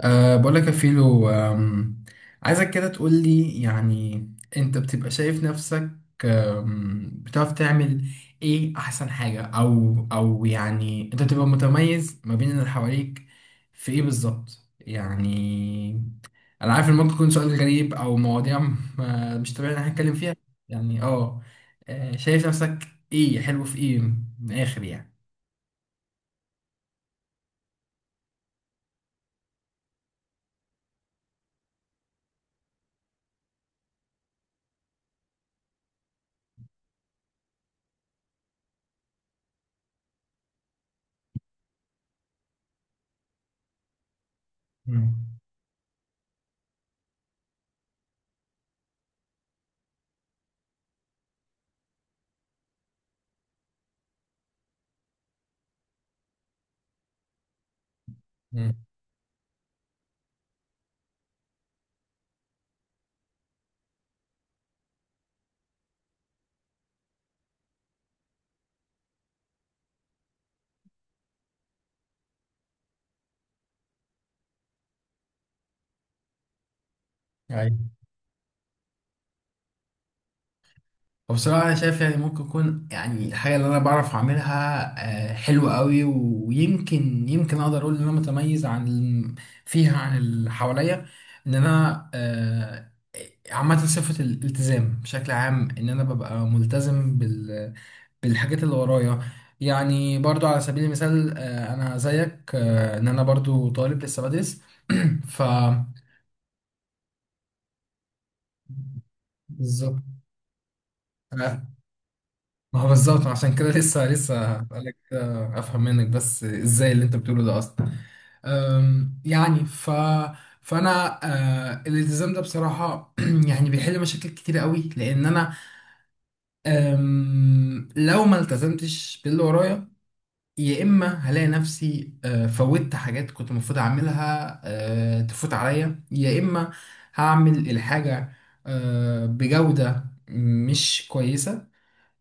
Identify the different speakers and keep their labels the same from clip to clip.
Speaker 1: بقول لك يا فيلو، عايزك كده تقول لي، يعني انت بتبقى شايف نفسك، بتعرف تعمل ايه احسن حاجة، او يعني انت بتبقى متميز ما بين اللي حواليك في ايه بالظبط؟ يعني انا عارف ان ممكن يكون سؤال غريب، او مواضيع مش طبيعي ان احنا نتكلم فيها. يعني اه، شايف نفسك ايه؟ حلو في ايه من الاخر؟ يعني مم. مم. وبصراحة أنا شايف، يعني ممكن يكون، يعني الحاجة اللي أنا بعرف أعملها حلوة قوي، ويمكن يمكن أقدر أقول إن أنا متميز عن فيها، عن اللي حواليا. إن أنا، عامة صفة الالتزام بشكل عام، إن أنا ببقى ملتزم بالحاجات اللي ورايا. يعني برضو على سبيل المثال، أنا زيك، إن أنا برضو طالب لسه بدرس. ف بالظبط. ما هو بالظبط. عشان كده لسه هسألك، افهم منك بس ازاي اللي انت بتقوله ده اصلا. يعني فانا، الالتزام ده بصراحة يعني بيحل مشاكل كتير قوي، لان انا، لو ما التزمتش باللي ورايا، يا اما هلاقي نفسي فوتت حاجات كنت المفروض اعملها تفوت عليا، يا اما هعمل الحاجة بجودة مش كويسة.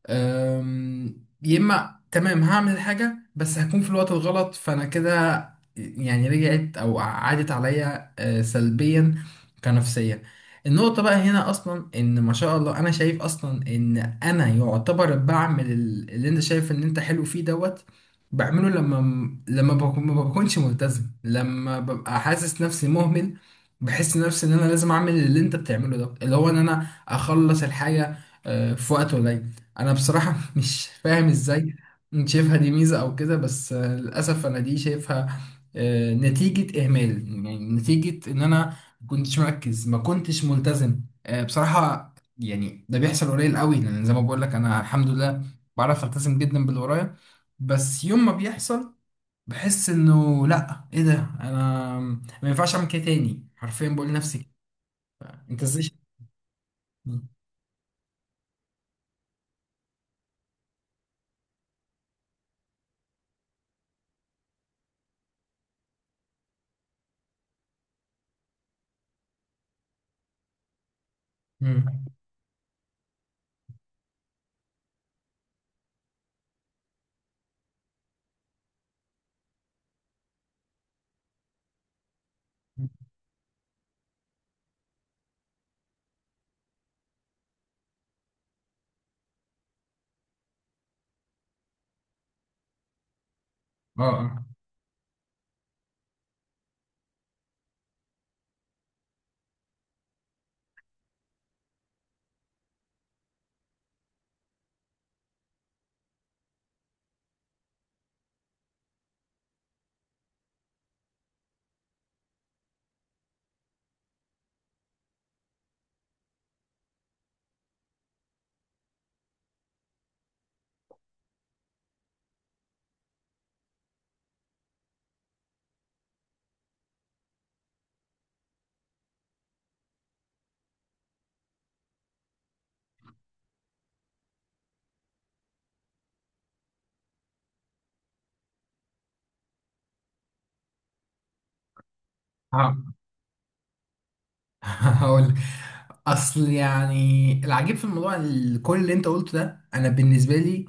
Speaker 1: أم، يا اما تمام هعمل الحاجه بس هكون في الوقت الغلط، فانا كده يعني رجعت او عادت عليا سلبيا، كنفسيا. النقطه بقى هنا اصلا ان ما شاء الله انا شايف اصلا ان انا يعتبر بعمل اللي انت شايف ان انت حلو فيه دوت، بعمله لما ما بكونش ملتزم، لما ببقى حاسس نفسي مهمل. بحس نفسي ان انا لازم اعمل اللي انت بتعمله ده، اللي هو ان انا اخلص الحاجه في وقت قليل. انا بصراحة مش فاهم ازاي انت شايفها دي ميزة او كده، بس للاسف انا دي شايفها نتيجة اهمال. يعني نتيجة ان انا ما كنتش مركز، ما كنتش ملتزم. بصراحة يعني ده بيحصل قليل قوي، لان زي ما بقول لك انا الحمد لله بعرف التزم جدا باللي ورايا. بس يوم ما بيحصل بحس انه لا، ايه ده، انا ما ينفعش اعمل كده تاني، حرفيا بقول لنفسي كده، انت ازاي شايف- مم. اه. آه. هقول، اصل يعني العجيب في الموضوع كل اللي انت قلته ده انا بالنسبه لي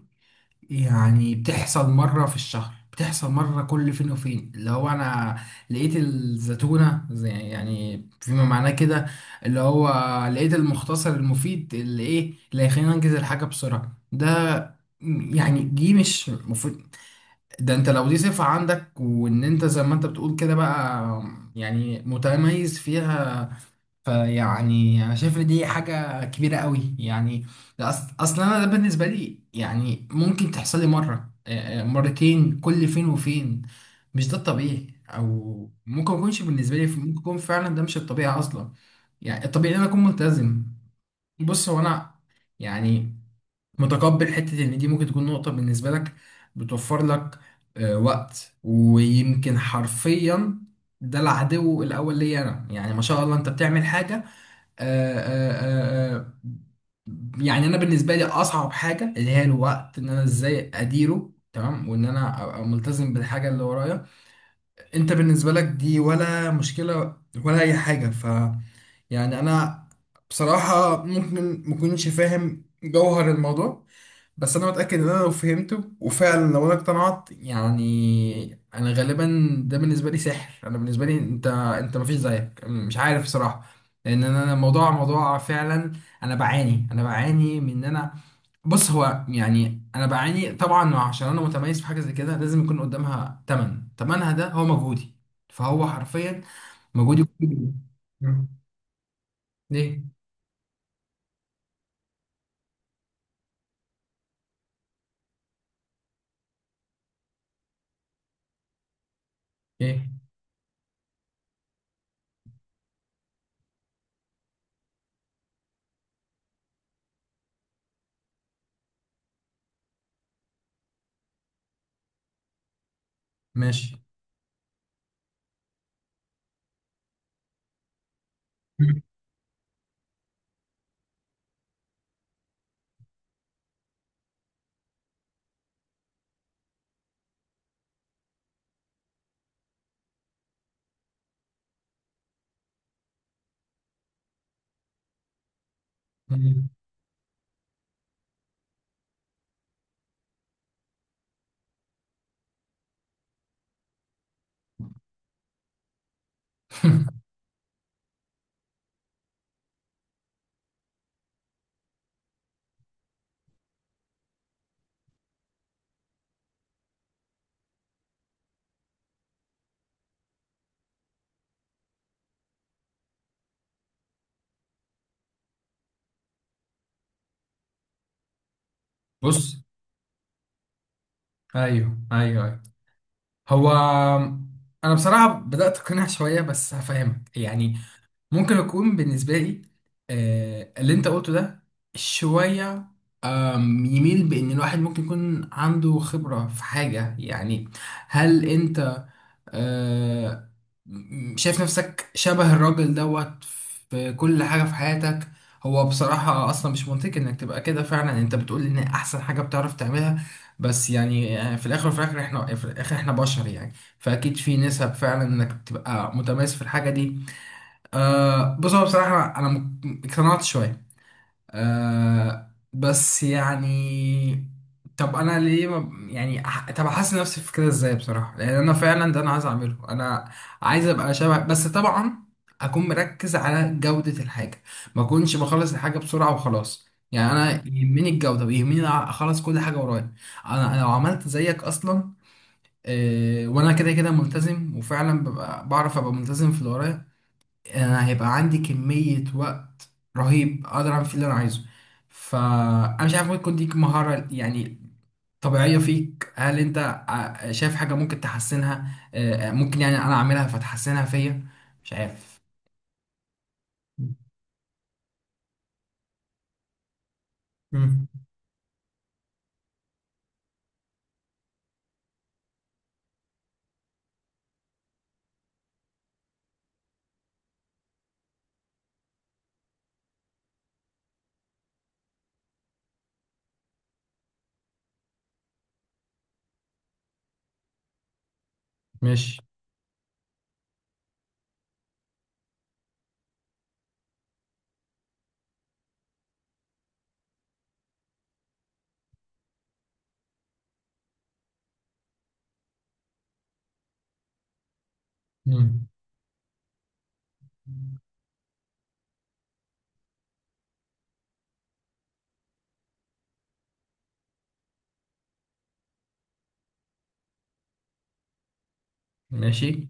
Speaker 1: يعني بتحصل مره في الشهر، بتحصل مره كل فين وفين. اللي هو انا لقيت الزيتونه، زي يعني فيما معناه كده، اللي هو لقيت المختصر المفيد، اللي ايه اللي هيخليني انجز الحاجه بسرعه ده. يعني دي مش مفروض. ده انت لو دي صفة عندك، وان انت زي ما انت بتقول كده بقى يعني متميز فيها، فيعني انا شايف ان دي حاجه كبيره قوي يعني. ده اصلا انا ده بالنسبه لي يعني ممكن تحصل لي مره، مرتين كل فين وفين. مش ده الطبيعي، او ممكن ما يكونش بالنسبه لي، ممكن يكون فعلا ده مش الطبيعي اصلا. يعني الطبيعي ان انا اكون ملتزم. بص هو انا، يعني متقبل حته ان دي ممكن تكون نقطه بالنسبه لك، بتوفر لك وقت، ويمكن حرفيا ده العدو الاول ليا انا. يعني ما شاء الله انت بتعمل حاجه. آه، آه، آه، آه، يعني انا بالنسبه لي اصعب حاجه اللي هي الوقت، ان انا ازاي اديره تمام، وان انا ابقى ملتزم بالحاجه اللي ورايا. انت بالنسبه لك دي ولا مشكله ولا اي حاجه. ف يعني انا بصراحه ممكن مكنش فاهم جوهر الموضوع، بس انا متاكد ان انا لو فهمته، وفعلا لو انا اقتنعت، يعني انا غالبا ده بالنسبه لي سحر. انا بالنسبه لي انت مفيش زيك، مش عارف صراحه، لان انا الموضوع موضوع فعلا. انا بعاني من ان انا، بص هو يعني انا بعاني طبعا عشان انا متميز في حاجه زي كده لازم يكون قدامها ثمن، ثمنها ده هو مجهودي، فهو حرفيا مجهودي كله. مم. ليه؟ ايه؟ ماشي. مم. بص، ايوه، ايوه، أيوه. هو انا بصراحه بدات اقتنع شويه بس هفهمك يعني، ممكن يكون بالنسبة لي اللي انت قلته ده شوية يميل بأن الواحد ممكن يكون عنده خبرة في حاجة يعني. هل انت، آه، شايف نفسك شبه الراجل دوت في كل حاجة في حياتك؟ هو بصراحة أصلا مش منطقي إنك تبقى كده. فعلا أنت بتقول إن أحسن حاجة بتعرف تعملها، بس يعني في الآخر إحنا بشر يعني. فأكيد في نسب فعلا إنك تبقى متميز في الحاجة دي. أه، بص، هو بصراحة أنا اقتنعت شوية. أه بس يعني، طب أنا ليه ما يعني طب أحسن نفسي في كده إزاي بصراحة، لأن أنا فعلا ده أنا عايز أعمله، أنا عايز أبقى شبه، بس طبعا أكون مركز على جودة الحاجة، ما أكونش بخلص الحاجة بسرعة وخلاص. يعني أنا يهمني الجودة ويهمني أخلص كل حاجة ورايا. أنا لو عملت زيك أصلا، أه وأنا كده كده ملتزم، وفعلا ببقى بعرف أبقى ملتزم في اللي ورايا، انا هيبقى عندي كمية وقت رهيب اقدر اعمل فيه اللي انا عايزه. فانا مش عارف، ممكن تكون دي مهارة يعني طبيعية فيك. هل انت شايف حاجة ممكن تحسنها، ممكن يعني انا اعملها فتحسنها فيا؟ مش عارف. مم. ماشي. مم. ماشي،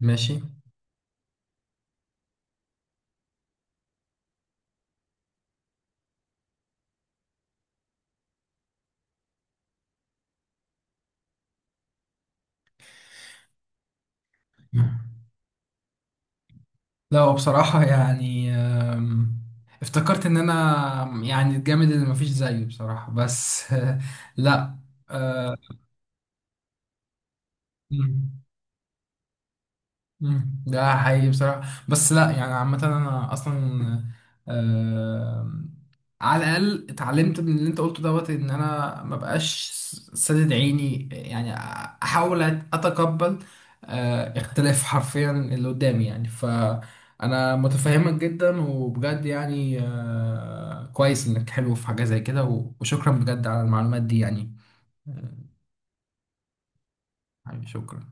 Speaker 1: ماشي. مم. لا، هو بصراحة يعني افتكرت ان انا يعني الجامد اللي مفيش زيه بصراحة، بس لا. آه. مم. مم. ده حقيقي بصراحة، بس لا يعني عامة أنا أصلا آه على الأقل اتعلمت من اللي أنت قلته دوت إن أنا مبقاش سادد عيني، يعني أحاول أتقبل اختلاف حرفيا اللي قدامي، يعني فأنا متفهمك جدا وبجد يعني، كويس إنك حلو في حاجة زي كده، و- وشكرا بجد على المعلومات دي يعني. آه، حبيبي شكرا.